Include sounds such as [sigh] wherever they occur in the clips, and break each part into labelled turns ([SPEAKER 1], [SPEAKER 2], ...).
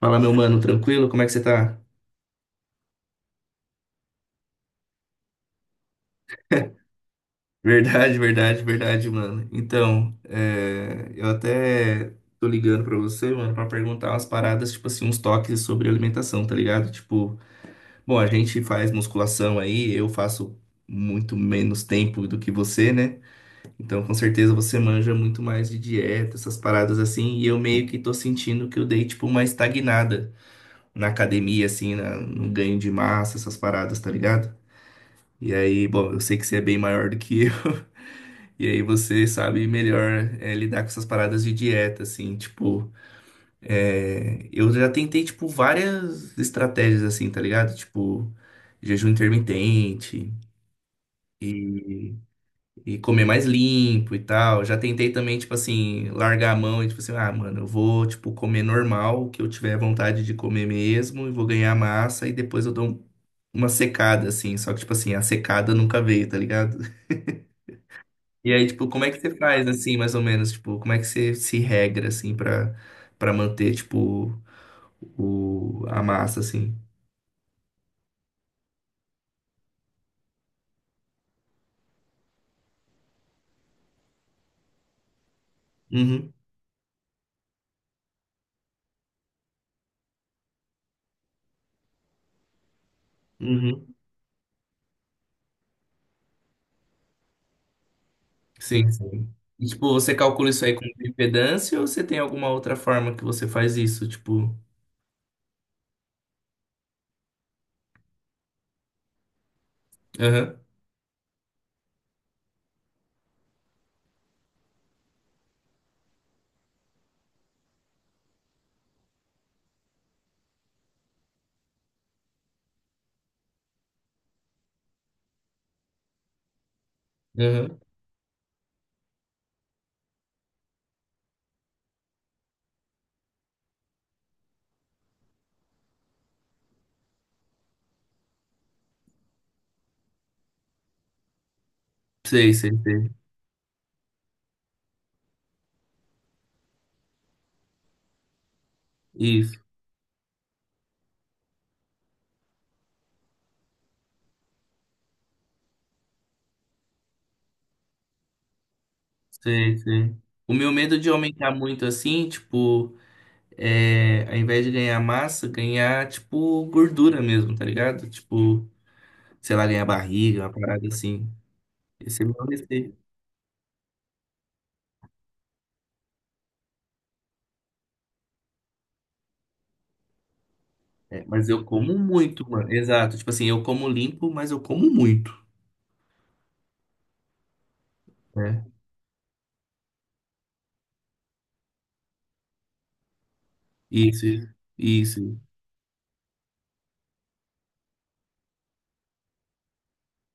[SPEAKER 1] Fala, meu mano, tranquilo? Como é que você tá? Verdade, verdade, verdade, mano. Então, eu até tô ligando pra você, mano, pra perguntar umas paradas, tipo assim, uns toques sobre alimentação, tá ligado? Tipo, bom, a gente faz musculação aí, eu faço muito menos tempo do que você, né? Então, com certeza você manja muito mais de dieta, essas paradas assim, e eu meio que tô sentindo que eu dei, tipo, uma estagnada na academia, assim, no ganho de massa, essas paradas, tá ligado? E aí, bom, eu sei que você é bem maior do que eu. [laughs] E aí você sabe melhor lidar com essas paradas de dieta, assim, tipo, eu já tentei, tipo, várias estratégias, assim, tá ligado? Tipo, jejum intermitente e, e comer mais limpo e tal. Já tentei também, tipo assim, largar a mão e, tipo assim, ah, mano, eu vou, tipo, comer normal, o que eu tiver vontade de comer mesmo, e vou ganhar massa e depois eu dou uma secada, assim. Só que, tipo assim, a secada nunca veio, tá ligado? E aí, tipo, como é que você faz, assim, mais ou menos? Tipo, como é que você se regra, assim, pra, pra manter, tipo, a massa, assim? Uhum, uhum. Sim, sim. E, tipo, você calcula isso aí com impedância ou você tem alguma outra forma que você faz isso? Tipo, aham, aham. Sei, sei, sei. Isso, sei, sei. O meu medo de aumentar muito, assim, tipo, é, ao invés de ganhar massa, ganhar, tipo, gordura mesmo, tá ligado? Tipo, sei lá, ganhar barriga, uma parada assim. Esse é meu receio. É, mas eu como muito, mano. Exato. Tipo assim, eu como limpo, mas eu como muito, né? Isso, isso.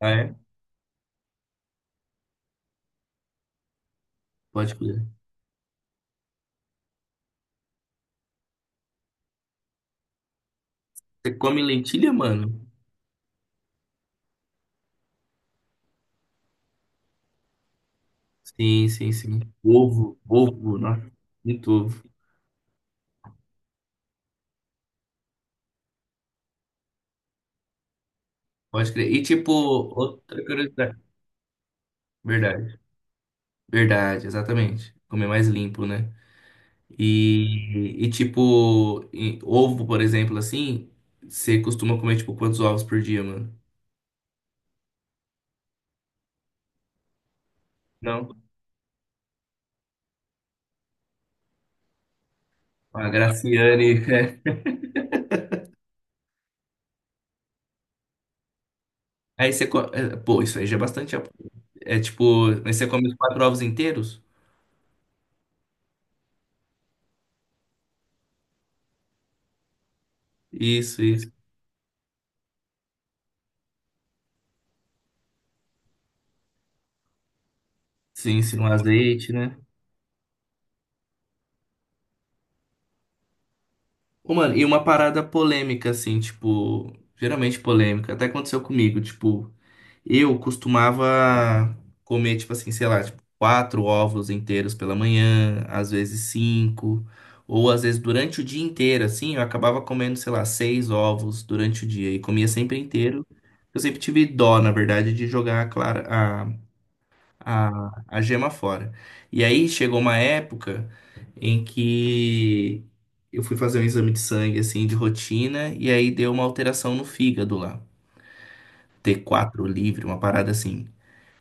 [SPEAKER 1] Ah, é? Pode comer. Você come lentilha, mano? Sim, sim, sim. Ovo, ovo, nossa, muito ovo. Pode crer. E tipo, outra curiosidade. Verdade, verdade, exatamente. Comer mais limpo, né? E tipo, e ovo, por exemplo, assim, você costuma comer, tipo, quantos ovos por dia, mano? Não. A Graciane. É. Aí você. Pô, isso aí já é bastante. É é tipo. Mas você come os quatro ovos inteiros? Isso, isso. Sim, sim, um azeite, né? Ô, mano, e uma parada polêmica, assim, tipo. Geralmente polêmica. Até aconteceu comigo, tipo. Eu costumava comer, tipo assim, sei lá, tipo, quatro ovos inteiros pela manhã, às vezes cinco, ou às vezes durante o dia inteiro, assim, eu acabava comendo, sei lá, seis ovos durante o dia e comia sempre inteiro. Eu sempre tive dó, na verdade, de jogar clara, a gema fora. E aí chegou uma época em que eu fui fazer um exame de sangue, assim, de rotina, e aí deu uma alteração no fígado lá. T quatro livre, uma parada assim.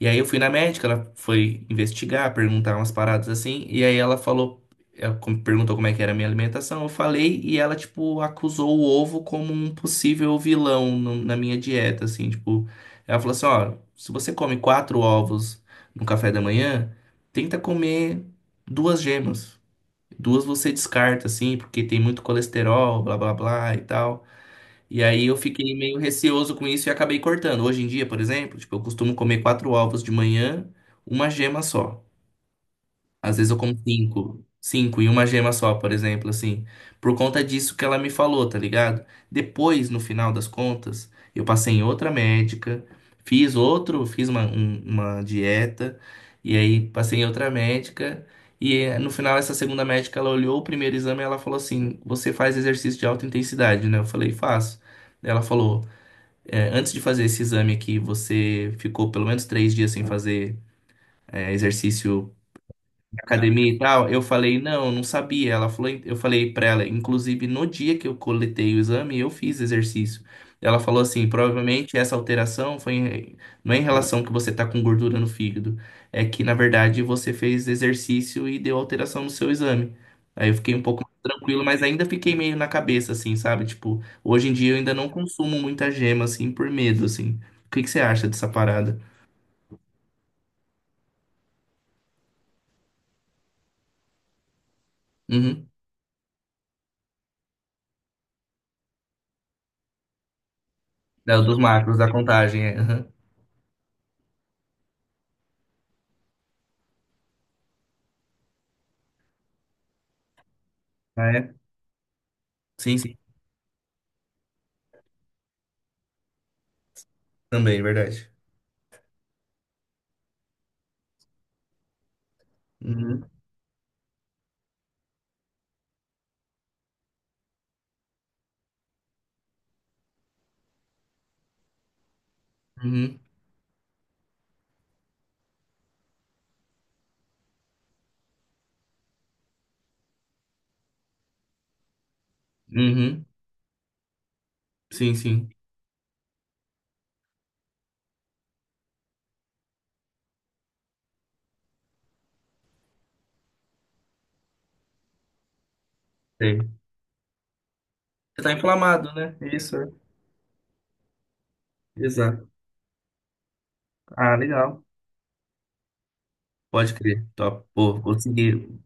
[SPEAKER 1] E aí eu fui na médica, ela foi investigar, perguntar umas paradas assim, e aí ela falou, ela perguntou como é que era a minha alimentação, eu falei, e ela, tipo, acusou o ovo como um possível vilão na minha dieta, assim, tipo, ela falou assim, ó, se você come quatro ovos no café da manhã, tenta comer duas gemas. Duas você descarta, assim, porque tem muito colesterol, blá blá blá e tal. E aí eu fiquei meio receoso com isso e acabei cortando. Hoje em dia, por exemplo, tipo, eu costumo comer quatro ovos de manhã, uma gema só. Às vezes eu como cinco, cinco e uma gema só, por exemplo, assim. Por conta disso que ela me falou, tá ligado? Depois, no final das contas, eu passei em outra médica, fiz outro, uma dieta, e aí passei em outra médica. E no final, essa segunda médica, ela olhou o primeiro exame e ela falou assim: Você faz exercício de alta intensidade, né? Eu falei: Faço. Ela falou: Antes de fazer esse exame aqui, você ficou pelo menos três dias sem fazer exercício academia e tal, eu falei, não, eu não sabia. Ela falou, eu falei pra ela, inclusive no dia que eu coletei o exame, eu fiz exercício. Ela falou assim, provavelmente essa alteração não é em relação que você tá com gordura no fígado, é que na verdade você fez exercício e deu alteração no seu exame. Aí eu fiquei um pouco mais tranquilo, mas ainda fiquei meio na cabeça assim, sabe? Tipo, hoje em dia eu ainda não consumo muita gema assim por medo assim. O que que você acha dessa parada? Uhum. Da- Dos macros, da contagem, é. Uhum. Ah, é? Sim, sim. Também, verdade. Uhum, uhum, uhum. Sim, sim. Sei. Você tá inflamado, né? Isso, é. Exato. Ah, legal. Pode crer. Top. Pô, consegui.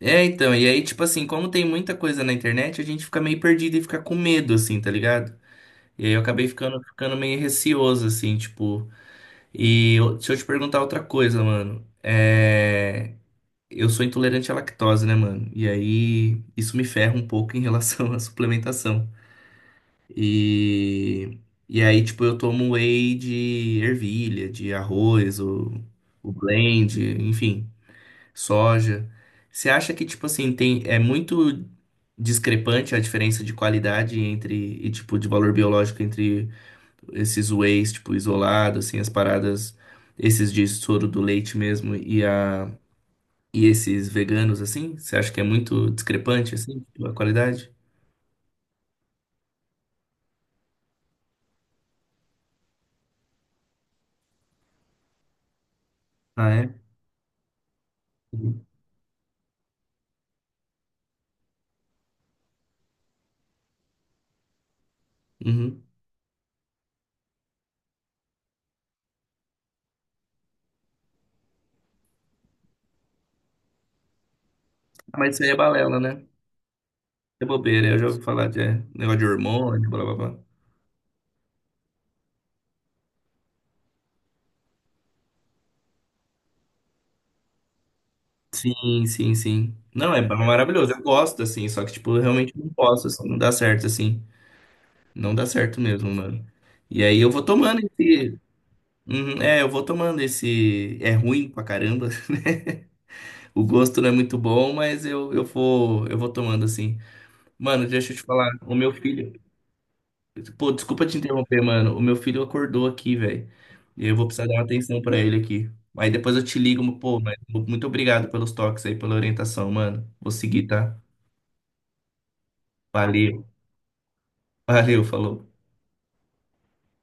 [SPEAKER 1] É, então, e aí, tipo assim, como tem muita coisa na internet, a gente fica meio perdido e fica com medo, assim, tá ligado? E aí eu acabei ficando meio receoso, assim, tipo. E deixa eu te perguntar outra coisa, mano. É. Eu sou intolerante à lactose, né, mano? E aí, isso me ferra um pouco em relação [laughs] à suplementação. E, e aí, tipo, eu tomo whey de ervilha, de arroz, o blend, enfim, soja. Você acha que, tipo assim, tem, é muito discrepante a diferença de qualidade entre, e tipo, de valor biológico entre esses wheys, tipo, isolado assim, as paradas, esses de soro do leite mesmo e a... E esses veganos, assim, você acha que é muito discrepante, assim, a qualidade? Ah, é? Uhum. Uhum. Ah, mas isso aí é balela, né? É bobeira, eu já ouvi falar de é, negócio de hormônio, blá blá blá. Sim, sim, sim. Não, é maravilhoso, eu gosto, assim, só que, tipo, eu realmente não posso, assim, não dá certo, assim. Não dá certo mesmo, mano. E aí eu vou tomando esse. Uhum, é, eu vou tomando esse. É ruim pra caramba, [laughs] né? O gosto não é muito bom, mas eu vou tomando, assim. Mano, deixa eu te falar, o meu filho. Pô, desculpa te interromper, mano. O meu filho acordou aqui, velho. E eu vou precisar dar uma atenção pra ele aqui. Aí depois eu te ligo, mas, pô, mas muito obrigado pelos toques aí, pela orientação, mano. Vou seguir, tá? Valeu. Valeu, falou.